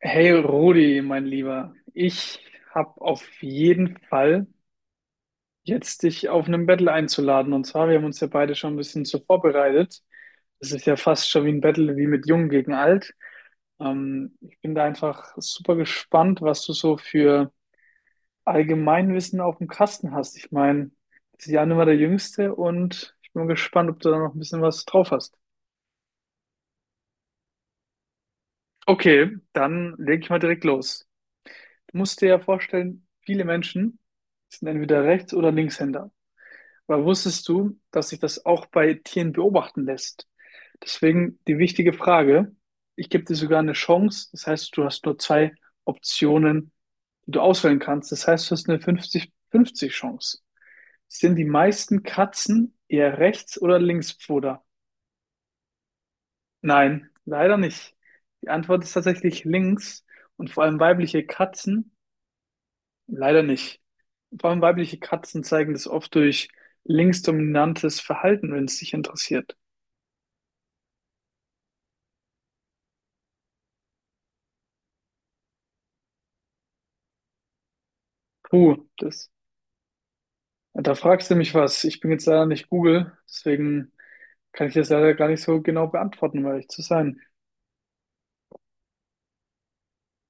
Hey Rudi, mein Lieber, ich habe auf jeden Fall jetzt dich auf einen Battle einzuladen. Und zwar, wir haben uns ja beide schon ein bisschen so vorbereitet. Das ist ja fast schon wie ein Battle wie mit Jung gegen Alt. Ich bin da einfach super gespannt, was du so für Allgemeinwissen auf dem Kasten hast. Ich meine, das ist ja immer der Jüngste und ich bin gespannt, ob du da noch ein bisschen was drauf hast. Okay, dann leg ich mal direkt los. Du musst dir ja vorstellen, viele Menschen sind entweder Rechts- oder Linkshänder. Aber wusstest du, dass sich das auch bei Tieren beobachten lässt? Deswegen die wichtige Frage, ich gebe dir sogar eine Chance, das heißt, du hast nur zwei Optionen, die du auswählen kannst. Das heißt, du hast eine 50-50 Chance. Sind die meisten Katzen eher Rechts- oder Linkspfoter? Nein, leider nicht. Die Antwort ist tatsächlich links und vor allem weibliche Katzen. Leider nicht. Vor allem weibliche Katzen zeigen das oft durch linksdominantes Verhalten, wenn es dich interessiert. Puh, das, da fragst du mich was. Ich bin jetzt leider nicht Google, deswegen kann ich das leider gar nicht so genau beantworten, um ehrlich zu sein.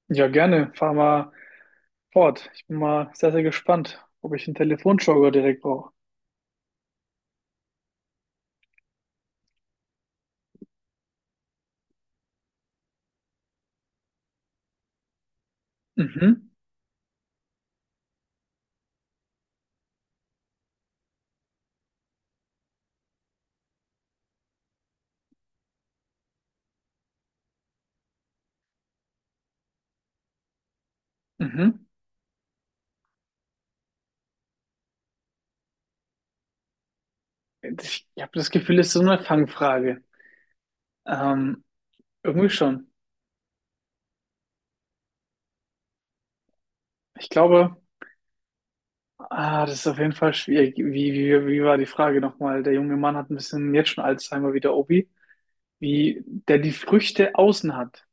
Ja, gerne. Fahr mal fort. Ich bin mal sehr, sehr gespannt, ob ich einen Telefonjogger direkt brauche. Mhm, mhm. Ich habe das Gefühl, es ist so eine Fangfrage. Ähm, irgendwie schon. Ich glaube, ah, das ist auf jeden Fall schwierig. Wie war die Frage nochmal? Der junge Mann hat ein bisschen jetzt schon Alzheimer wie der Obi. Wie der die Früchte außen hat.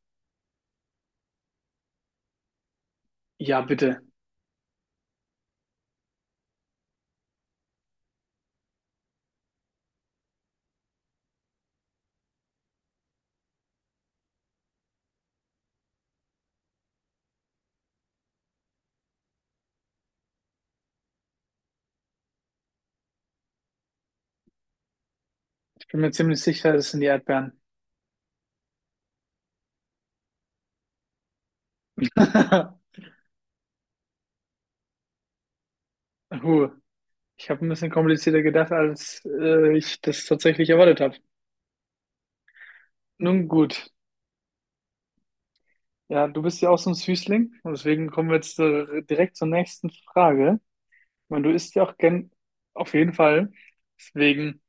Ja, bitte. Ich bin mir ziemlich sicher, das sind die Erdbeeren. Huh. Ich habe ein bisschen komplizierter gedacht, als ich das tatsächlich erwartet habe. Nun gut. Ja, du bist ja auch so ein Süßling und deswegen kommen wir jetzt direkt zur nächsten Frage. Ich meine, du isst ja auch gern auf jeden Fall. Deswegen.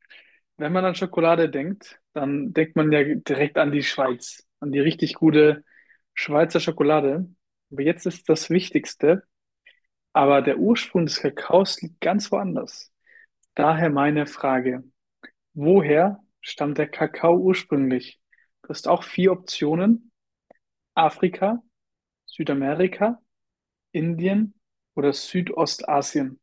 Wenn man an Schokolade denkt, dann denkt man ja direkt an die Schweiz, an die richtig gute Schweizer Schokolade. Aber jetzt ist das Wichtigste, aber der Ursprung des Kakaos liegt ganz woanders. Daher meine Frage, woher stammt der Kakao ursprünglich? Du hast auch vier Optionen, Afrika, Südamerika, Indien oder Südostasien.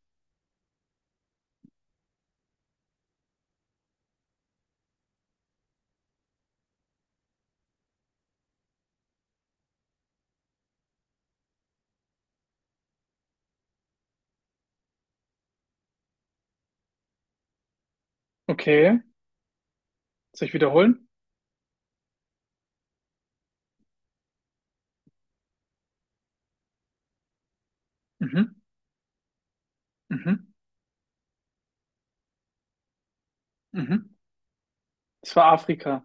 Okay, soll ich wiederholen? Mhm, mhm, mhm. Es war Afrika.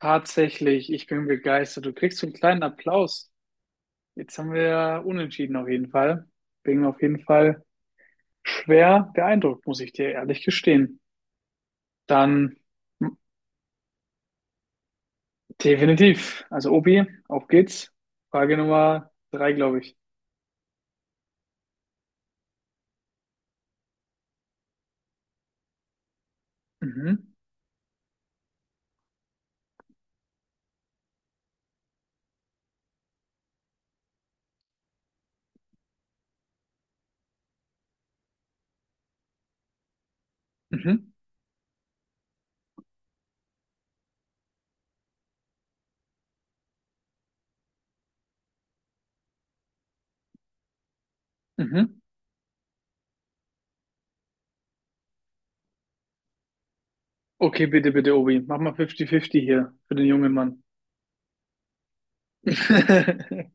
Tatsächlich, ich bin begeistert. Du kriegst so einen kleinen Applaus. Jetzt haben wir unentschieden auf jeden Fall. Bin auf jeden Fall schwer beeindruckt, muss ich dir ehrlich gestehen. Dann m- definitiv. Also Obi, auf geht's. Frage Nummer drei, glaube ich. Mhm, mhm, mhm. Okay, bitte, bitte, Obi. Mach mal 50-50 hier für den jungen Mann.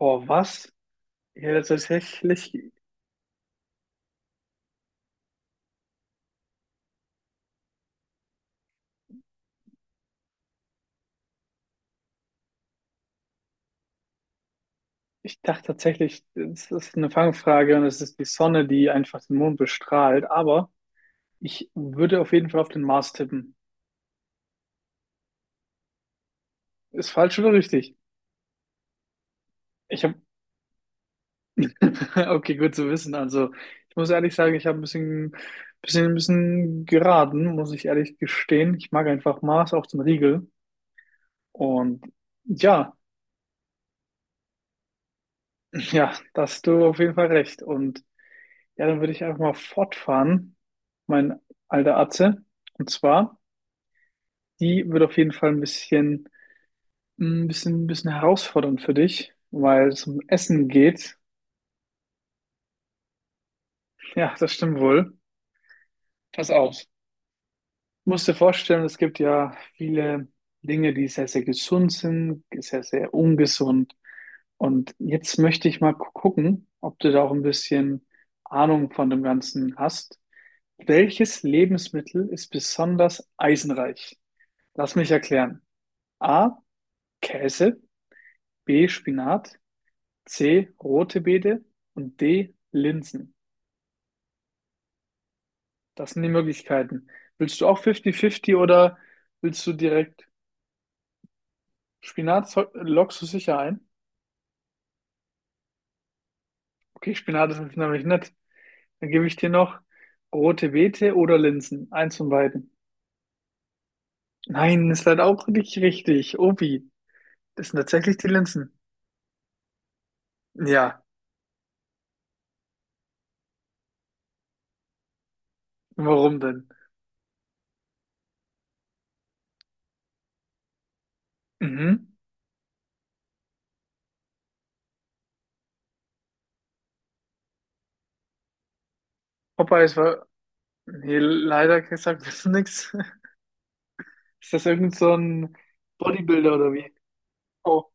Boah, was? Ja, tatsächlich. Ich dachte tatsächlich, es ist eine Fangfrage und es ist die Sonne, die einfach den Mond bestrahlt. Aber ich würde auf jeden Fall auf den Mars tippen. Ist falsch oder richtig? Ich habe, okay, gut zu wissen. Also ich muss ehrlich sagen, ich habe ein bisschen geraten, muss ich ehrlich gestehen. Ich mag einfach Mars auch zum Riegel. Und ja, ja, da hast du auf jeden Fall recht. Und ja, dann würde ich einfach mal fortfahren, mein alter Atze. Und zwar, die wird auf jeden Fall ein bisschen. Ein bisschen herausfordernd für dich, weil es um Essen geht. Ja, das stimmt wohl. Pass auf. Du musst dir vorstellen, es gibt ja viele Dinge, die sehr, sehr gesund sind, sehr, sehr ungesund. Und jetzt möchte ich mal gucken, ob du da auch ein bisschen Ahnung von dem Ganzen hast. Welches Lebensmittel ist besonders eisenreich? Lass mich erklären. A. Käse, B. Spinat, C. Rote Beete und D. Linsen. Das sind die Möglichkeiten. Willst du auch 50-50 oder willst du direkt Spinat? Lockst du sicher ein? Okay, Spinat ist nämlich nett. Dann gebe ich dir noch rote Beete oder Linsen. Eins von beiden. Nein, ist leider auch nicht richtig. Obi, das sind tatsächlich die Linsen. Ja, warum denn? Mhm. Popeye ist war. Nee, leider gesagt, das ist nix. Ist das irgend so ein Bodybuilder oder wie? Oh.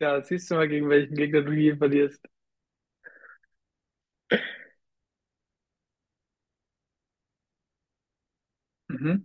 Ja, siehst du mal, gegen welchen Gegner du hier verlierst. Mhm.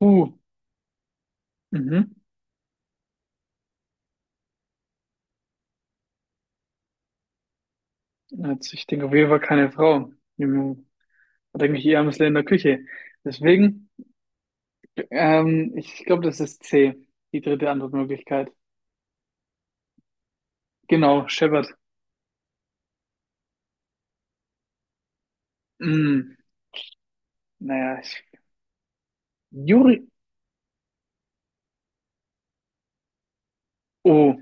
Uh. Mhm. Also ich denke auf jeden Fall keine Frau. Hm, da denke ich eher ans Land in der Küche. Deswegen, ich glaube, das ist C, die dritte Antwortmöglichkeit. Genau, Shepard. Hm, naja, ich, Juri. Oh,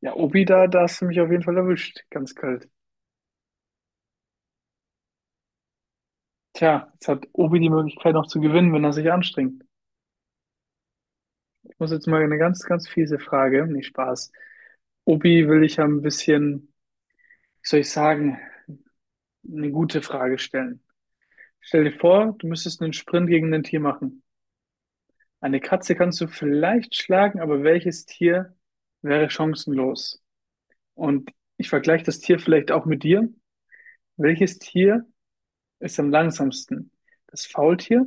ja, Obi, da, da hast du mich auf jeden Fall erwischt. Ganz kalt. Tja, jetzt hat Obi die Möglichkeit noch zu gewinnen, wenn er sich anstrengt. Ich muss jetzt mal eine ganz, ganz fiese Frage. Nee, Spaß. Obi will ich ja ein bisschen, wie soll ich sagen, eine gute Frage stellen. Stell dir vor, du müsstest einen Sprint gegen ein Tier machen. Eine Katze kannst du vielleicht schlagen, aber welches Tier wäre chancenlos? Und ich vergleiche das Tier vielleicht auch mit dir. Welches Tier ist am langsamsten? Das Faultier,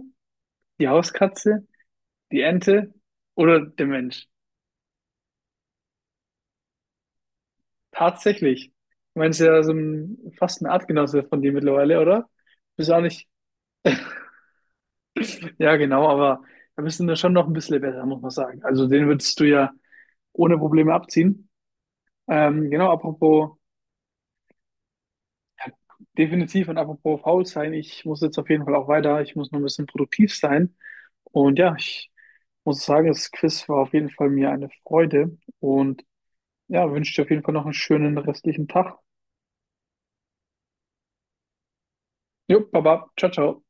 die Hauskatze, die Ente oder der Mensch? Tatsächlich. Du meinst ja so ein, fast ein Artgenosse von dir mittlerweile, oder? Bist auch nicht. Ja, genau, aber da bist du schon noch ein bisschen besser, muss man sagen. Also den würdest du ja ohne Probleme abziehen. Genau, apropos, ja, definitiv und apropos faul sein, ich muss jetzt auf jeden Fall auch weiter, ich muss noch ein bisschen produktiv sein. Und ja, ich muss sagen, das Quiz war auf jeden Fall mir eine Freude und ja, wünsche dir auf jeden Fall noch einen schönen restlichen Tag. Jo, Baba, ciao, ciao.